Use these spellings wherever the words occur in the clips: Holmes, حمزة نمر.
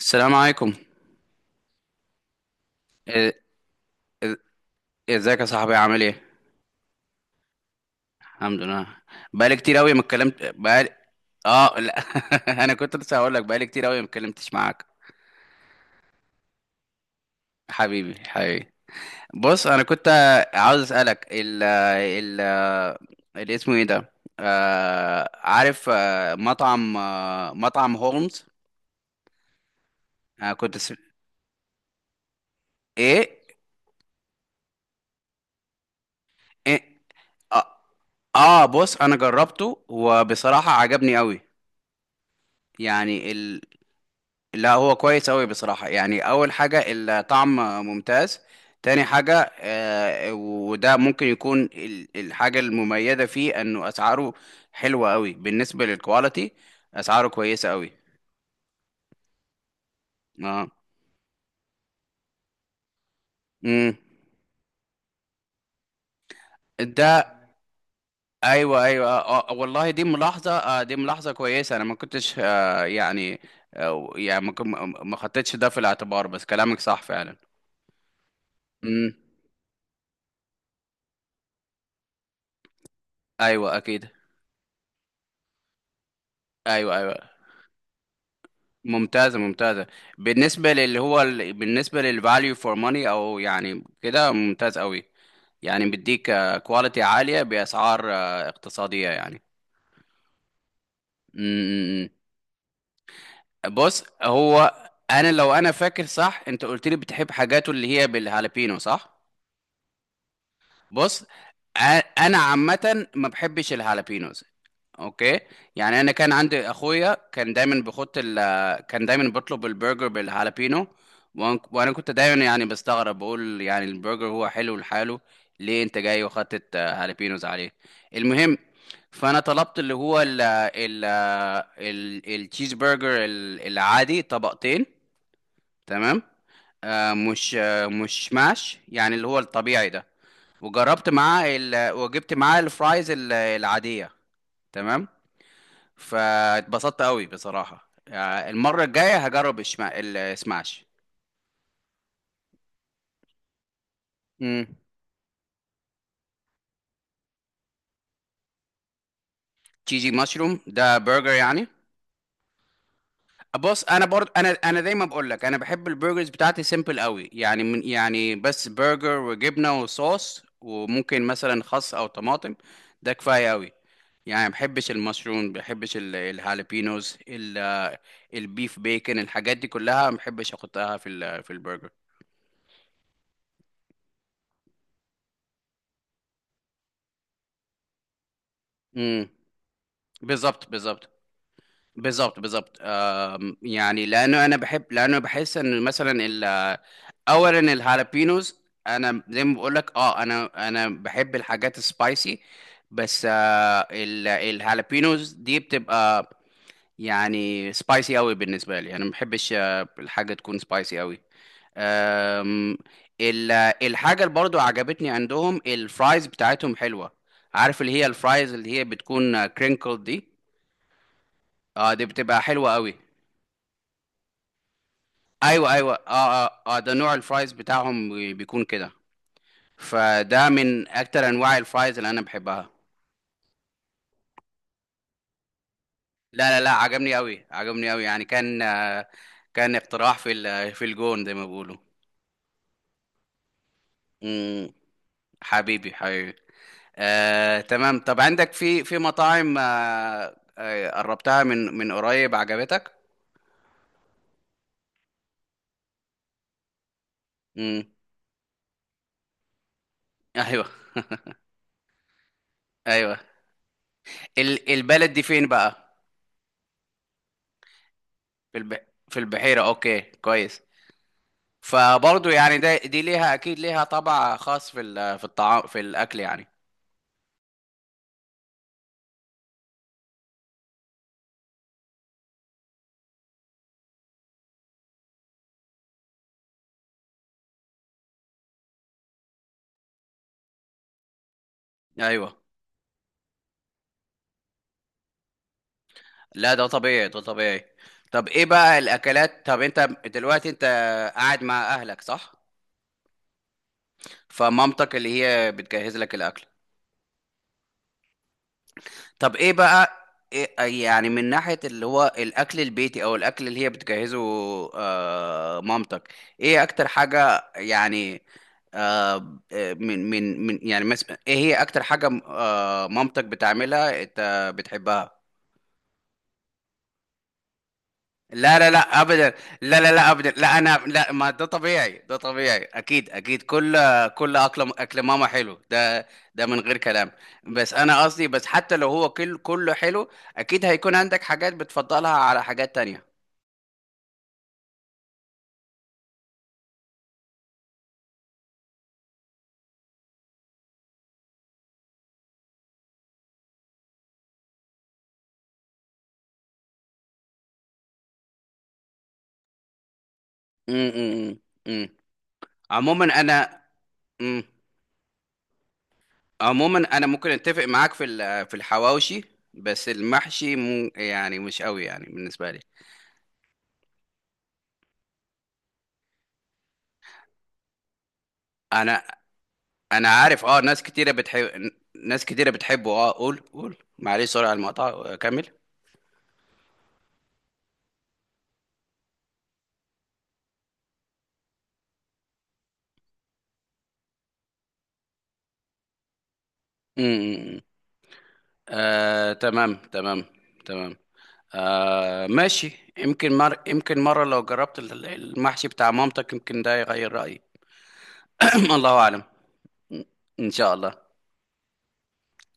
السلام عليكم. إ- إ- ازيك يا صاحبي، عامل ايه؟ الحمد لله. بقالي كتير قوي ما اتكلمت بقالي. اه لا. انا كنت لسه هقول لك بقالي كتير قوي ما اتكلمتش معاك. حبيبي حبيبي. بص انا كنت عاوز اسالك ال اللي اسمه ايه ده، عارف، مطعم هولمز. آه كنت س... ايه ايه اه آه، بص انا جربته وبصراحة عجبني قوي يعني. لا هو كويس أوي بصراحة، يعني أول حاجة الطعم ممتاز، تاني حاجة وده ممكن يكون الحاجة المميزة فيه إنه أسعاره حلوة أوي بالنسبة للكواليتي. أسعاره كويسة أوي. اه. امم. ده أيوه أيوه والله دي ملاحظة، دي ملاحظة كويسة. أنا ما كنتش يعني آه يعني ما كن- ما خدتش ده في الاعتبار، بس كلامك صح فعلا. امم. أيوه أكيد. أيوه أيوه. ممتازة ممتازة. بالنسبة للي هو بالنسبة للفاليو فور ماني، او يعني كده ممتاز قوي، يعني بيديك كواليتي عالية بأسعار اقتصادية يعني. م- م- م. بص هو، انا لو انا فاكر صح انت قلت لي بتحب حاجاته اللي هي بالهالبينو صح؟ بص أ- انا عامه ما بحبش الهالابينوز، اوكي. يعني انا كان عندي اخويا كان دايما بيحط كان دايما بيطلب البرجر بالهالابينو. وانا كنت دايما يعني بستغرب، بقول يعني البرجر هو حلو لحاله، ليه انت جاي وحطت هالابينوز عليه. المهم، فانا طلبت اللي هو ال التشيز برجر العادي طبقتين، تمام. مش ماش، يعني اللي هو الطبيعي ده. وجبت معاه الفرايز العادية، تمام. فاتبسطت قوي بصراحة. المرة الجاية هجرب السماش. امم. جي مشروم ده برجر يعني؟ بص انا برضه، انا دايما بقول لك انا بحب البرجرز بتاعتي سيمبل قوي، يعني يعني بس برجر وجبنه وصوص وممكن مثلا خس او طماطم. ده كفايه قوي. يعني ما بحبش المشروم، ما بحبش الهالبينوز، البيف بيكن، الحاجات دي كلها ما بحبش احطها في في البرجر. امم. بالظبط بالظبط. بالظبط بالظبط. يعني لانه انا بحب، لانه بحس ان مثلا اولا الهالابينوز، انا زي ما بقول لك اه، انا بحب الحاجات السبايسي، بس الهالابينوز دي بتبقى يعني سبايسي قوي. بالنسبه لي انا ما بحبش الحاجه تكون سبايسي قوي. أم، ال- الحاجة اللي برضو عجبتني عندهم الفرايز بتاعتهم حلوة. عارف اللي هي الفرايز اللي هي بتكون كرينكل دي، اه دي بتبقى حلوة قوي. ايوه ايوه اه اه، ده نوع الفرايز بتاعهم بيكون كده. فده من اكتر انواع الفرايز اللي انا بحبها. لا لا لا، عجبني قوي عجبني قوي، يعني كان كان اقتراح في في الجون زي ما بيقولوا. مم. حبيبي حبيبي. تمام. طب عندك في في مطاعم قربتها من من قريب عجبتك؟ امم. ايوه. ايوه. البلد دي فين بقى؟ في البحيرة، اوكي كويس. فبرضه يعني ده دي ليها اكيد ليها طبع خاص في في الطعام في الاكل يعني. ايوه. لا ده طبيعي ده طبيعي. طب ايه بقى الاكلات؟ طب انت دلوقتي انت قاعد مع اهلك صح؟ فمامتك اللي هي بتجهز لك الاكل؟ طب ايه بقى إيه يعني من ناحية اللي هو الأكل البيتي أو الأكل اللي هي بتجهزه مامتك، ايه أكتر حاجة يعني؟ آه آه، من من من يعني مثلا ايه هي أكتر حاجة مامتك بتعملها انت بتحبها؟ لا لا لا ابدا. لا لا لا ابدا، لا انا لا، ما ده طبيعي ده طبيعي، اكيد اكيد، كل، كل اكل، اكل ماما حلو ده، ده من غير كلام. بس انا قصدي بس حتى لو هو كل كله حلو، اكيد هيكون عندك حاجات بتفضلها على حاجات تانية. امم. أمم. عموما انا، امم، عموما انا ممكن اتفق معاك في في الحواوشي، بس المحشي مو يعني مش قوي يعني بالنسبة لي. انا، عارف اه، ناس كتيره بتحب، ناس كتيره بتحبه اه. قول قول، معلش سوري على المقطع، كمل. امم. آه تمام تمام تمام. ماشي، يمكن يمكن مرة لو جربت المحشي بتاع مامتك يمكن ده يغير رأيي. الله أعلم. إن شاء الله.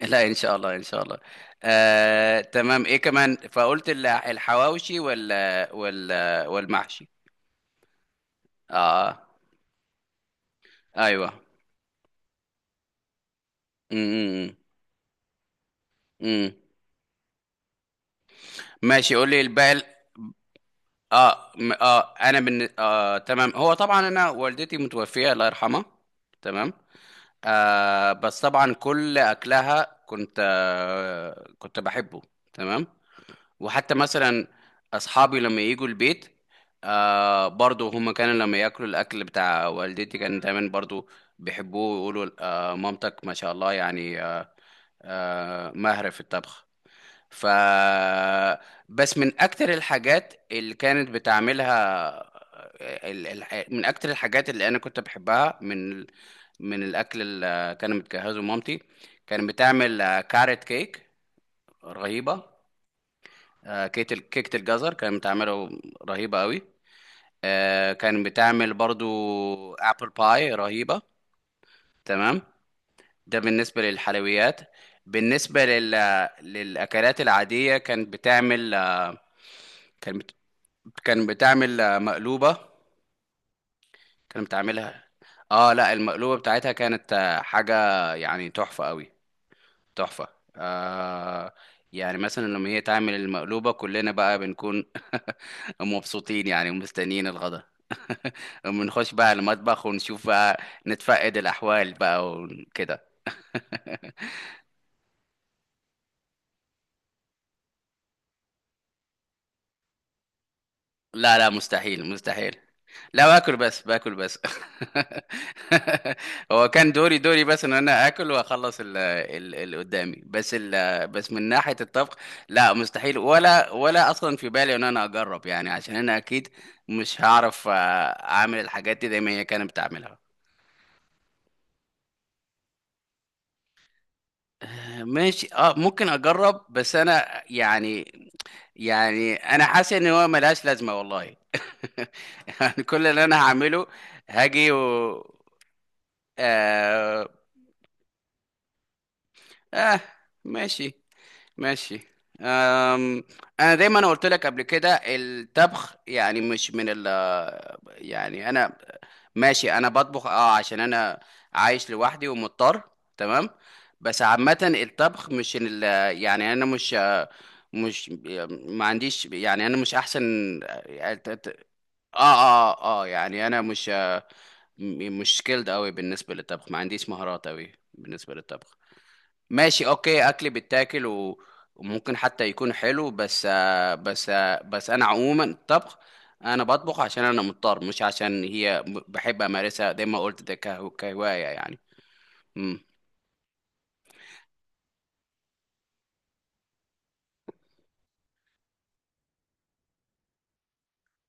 لا إن شاء الله إن شاء الله. تمام. إيه كمان فقلت الحواوشي ولا والمحشي؟ آه أيوه. م- م- م. ماشي قول لي الباقي. اه م- اه انا من آه تمام. هو طبعا انا والدتي متوفيه الله يرحمها. تمام. بس طبعا كل اكلها كنت كنت بحبه. تمام. وحتى مثلا اصحابي لما يجوا البيت، برضو هم كانوا لما ياكلوا الاكل بتاع والدتي كانوا دايما برضو بيحبوه ويقولوا مامتك ما شاء الله، يعني ماهره في الطبخ. ف بس من اكتر الحاجات اللي كانت بتعملها، من اكتر الحاجات اللي انا كنت بحبها من من الاكل اللي كان متجهزه مامتي، كانت بتعمل كاريت كيك رهيبه. كيك كيكه الجزر كانت بتعمله رهيبه قوي. كانت بتعمل برضو ابل باي رهيبه، تمام. ده بالنسبه للحلويات. بالنسبه للاكلات العاديه كانت بتعمل، كانت بتعمل مقلوبة، كانت بتعملها. اه لا المقلوبة بتاعتها كانت حاجة يعني تحفة قوي، تحفة. آه يعني مثلا لما هي تعمل المقلوبة كلنا بقى بنكون مبسوطين يعني ومستنيين الغدا. بنخش بقى المطبخ ونشوف بقى، نتفقد الأحوال بقى وكده. لا لا مستحيل مستحيل. لا باكل بس، باكل بس. هو كان دوري دوري بس ان انا اكل واخلص اللي قدامي بس. بس من ناحيه الطبخ لا مستحيل، ولا ولا اصلا في بالي ان انا اجرب، يعني عشان انا اكيد مش هعرف اعمل الحاجات دي زي ما هي كانت بتعملها. ماشي اه ممكن اجرب، بس انا يعني، يعني انا حاسس ان هو ملهاش لازمه والله. يعني كل اللي انا هعمله هاجي و... آه, آه ماشي ماشي. آم، أنا دايما قلت لك قبل كده الطبخ يعني مش من ال يعني أنا ماشي، أنا بطبخ أه عشان أنا عايش لوحدي ومضطر، تمام. بس عامة الطبخ مش من ال يعني أنا مش مش ما عنديش، يعني أنا مش أحسن آه يعني أنا مش سكيلد أوي بالنسبة للطبخ، ما عنديش مهارات أوي بالنسبة للطبخ. ماشي اوكي، اكل بيتاكل وممكن حتى يكون حلو، بس بس انا عموما الطبخ، انا بطبخ عشان انا مضطر مش عشان هي بحب امارسها زي ما قلت ده كهواية يعني. امم.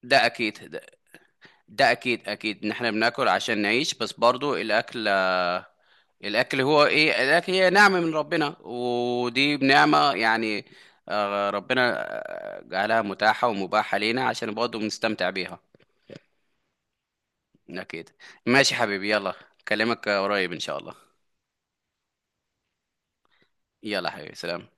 ده اكيد ده اكيد اكيد ان احنا بناكل عشان نعيش، بس برضو الاكل هو ايه، الاكل هي نعمة من ربنا ودي بنعمة، يعني ربنا جعلها متاحة ومباحة لينا عشان برضو بنستمتع بيها. أكيد. ماشي حبيبي يلا، أكلمك قريب إن شاء الله. يلا حبيبي سلام.